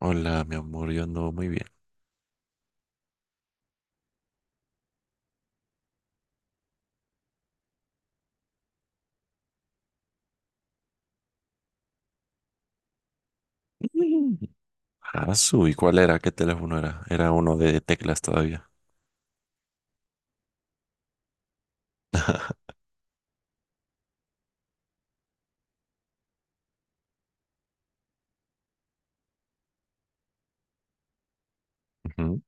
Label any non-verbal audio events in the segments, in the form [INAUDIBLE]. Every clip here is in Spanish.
Hola, mi amor, yo ando muy bien. Mm. Ah, ¿su ¿y cuál era? ¿Qué teléfono era? Era uno de teclas todavía. Ujú.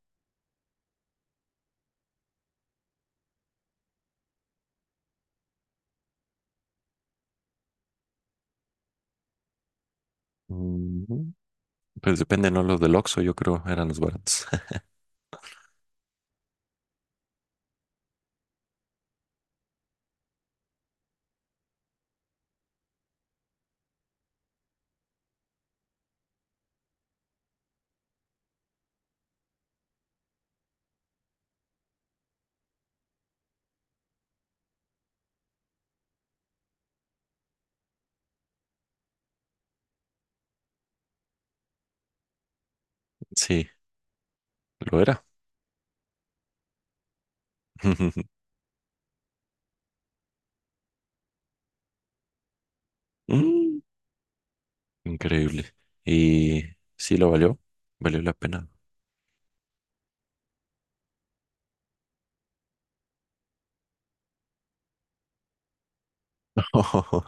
Ujú. Pues depende, ¿no? Los del Oxxo, yo creo, eran los baratos. [LAUGHS] Sí, lo era. [LAUGHS] Mm. Increíble. Y sí lo valió, valió la pena. [LAUGHS]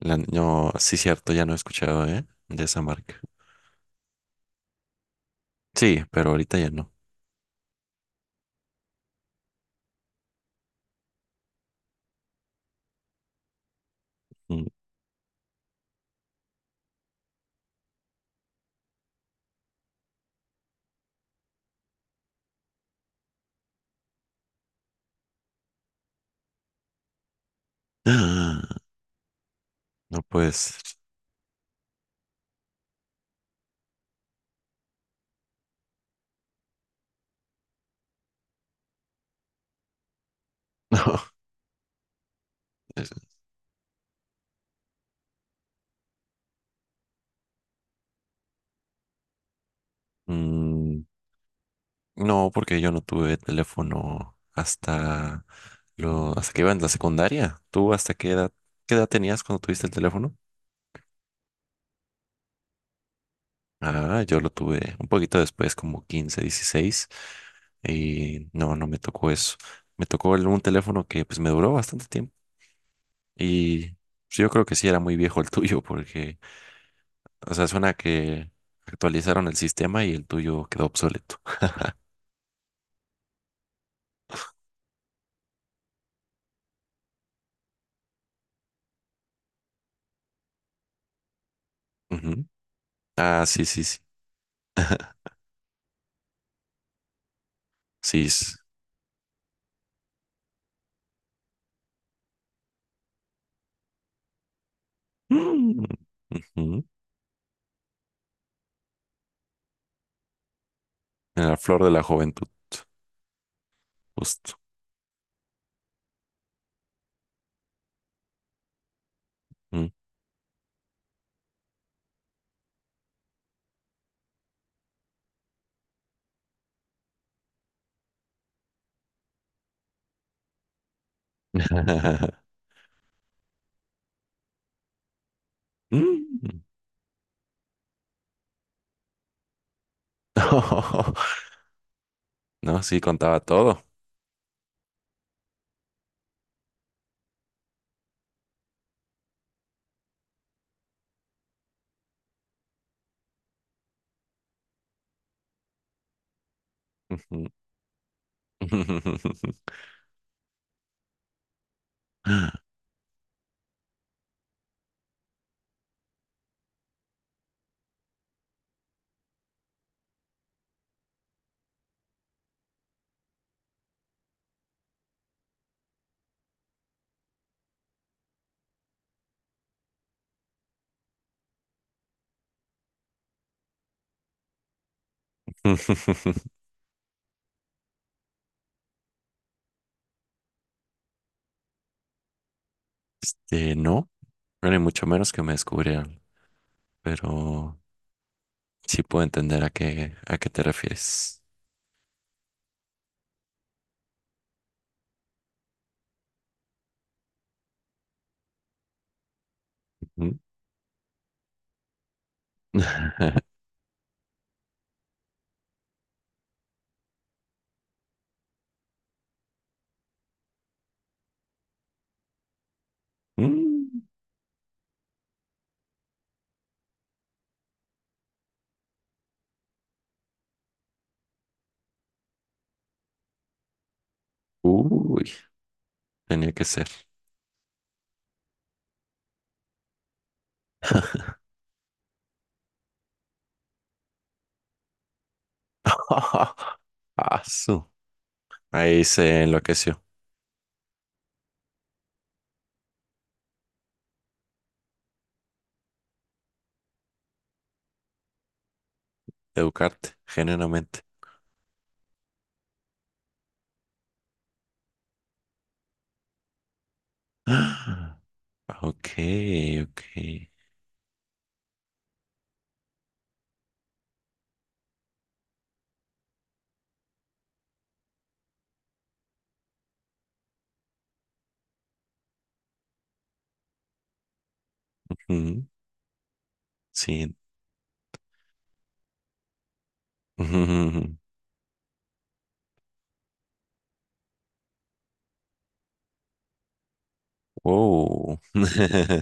La- no, sí, cierto, ya no he escuchado, ¿eh? De esa marca. Sí, pero ahorita ya no. Mm. [GASPS] No, pues, [LAUGHS] no. Es- mm, No, porque yo no tuve teléfono hasta hasta que iba en la secundaria. ¿Tú hasta qué edad tenías cuando tuviste el teléfono? Ah, yo lo tuve un poquito después, como 15, 16. Y no, no me tocó eso. Me tocó un teléfono que pues me duró bastante tiempo y pues, yo creo que sí era muy viejo el [LAUGHS] tuyo porque, o sea, suena que actualizaron el sistema y el tuyo quedó obsoleto. Ujú. Ah, sí, sí, sí. Sí. Mm. [GASPS] Ujú. En la flor de la juventud, justo. Mm. [LAUGHS] Mm. [LAUGHS] No, sí, contaba todo. Ujú. [LAUGHS] Este, no, bueno, y mucho menos que me descubrieran, pero sí puedo entender a qué te refieres. Ujú. [LAUGHS] Mm. Uy, tenía que ser. [LAUGHS] Asu. Ahí se enloqueció. Educarte, genuinamente. [GASPS] Ok, ok. Mm. Sí. [LAUGHS] Wow. [LAUGHS]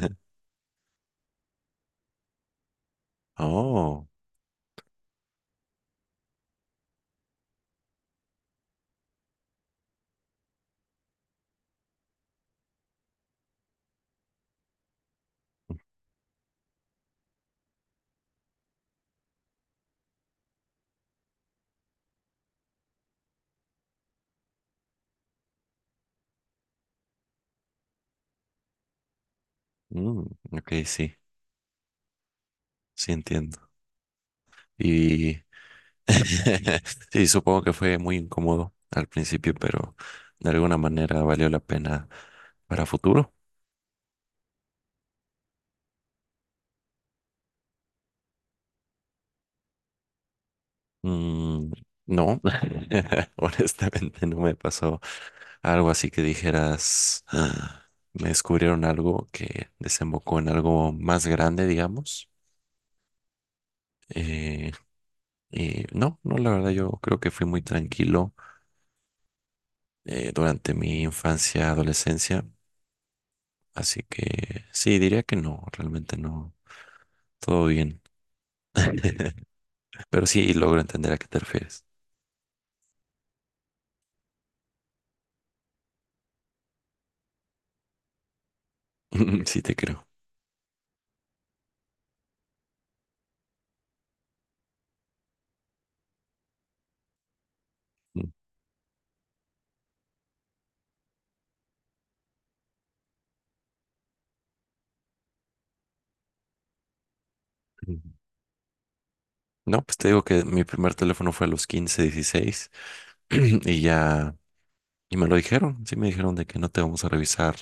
Oh, mm, ok, sí, sí entiendo. Y [LAUGHS] sí, supongo que fue muy incómodo al principio, pero de alguna manera valió la pena para futuro. Mm, no, [LAUGHS] honestamente no me pasó algo así que dijeras: "Ah, me descubrieron algo que desembocó en algo más grande", digamos. Eh, y no, no, la verdad yo creo que fui muy tranquilo, durante mi infancia, adolescencia, así que sí, diría que no, realmente no, todo bien, [LAUGHS] pero sí logro entender a qué te refieres. [LAUGHS] Sí te creo. [LAUGHS] Ujú. No, pues te digo que mi primer teléfono fue a los 15, 16, [CLEARS THROAT] y ya, y me lo dijeron, sí me dijeron de que no te vamos a revisar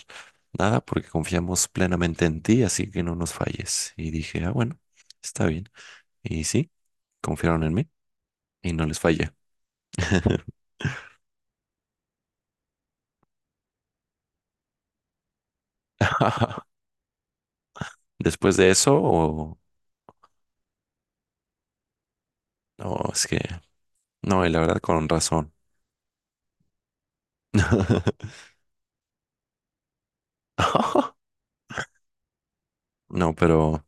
nada porque confiamos plenamente en ti, así que no nos falles. Y dije, ah, bueno, está bien. Y sí, confiaron en mí y no les fallé. [LAUGHS] Después de eso, o no, es que no, y la verdad con razón. [LAUGHS] No, pero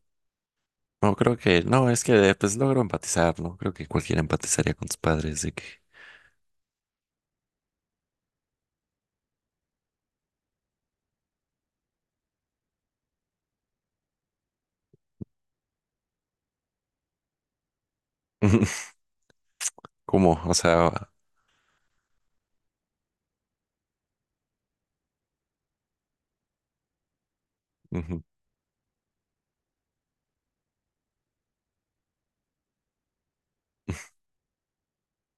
no creo que, no, es que pues logro empatizar, ¿no? Creo que cualquiera empatizaría con tus padres de que, [LAUGHS] ¿cómo? O sea, ujú.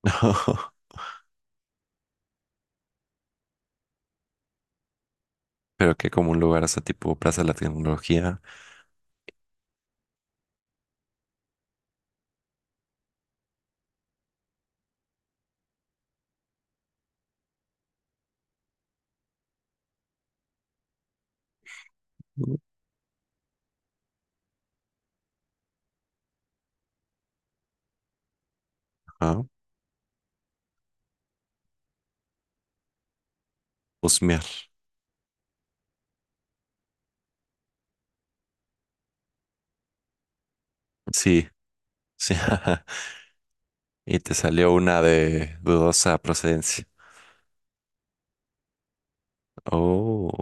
[LAUGHS] Pero que como un lugar, o sea, tipo Plaza de la Tecnología, ajá, husmear. Sí, sí, [LAUGHS] y te salió una de dudosa procedencia. Oh,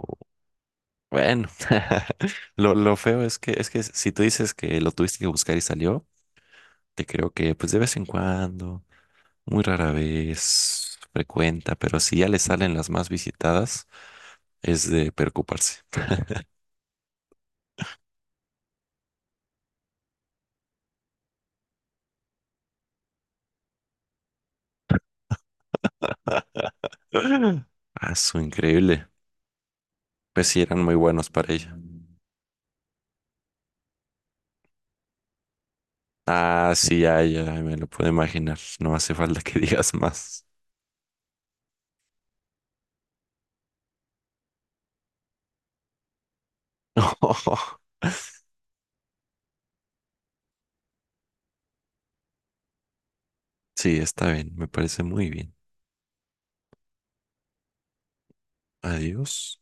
bueno. [LAUGHS] Lo feo es que si tú dices que lo tuviste que buscar y salió, te creo que pues de vez en cuando, muy rara vez, frecuenta, pero si ya le salen las más visitadas, es de preocuparse. [GASPS] [LAUGHS] Ah, su increíble. Pues sí, eran muy buenos para ella. Ah, sí, ya, ya, me lo puedo imaginar. No hace falta que digas más. [LAUGHS] Sí, está bien, me parece muy bien. Adiós.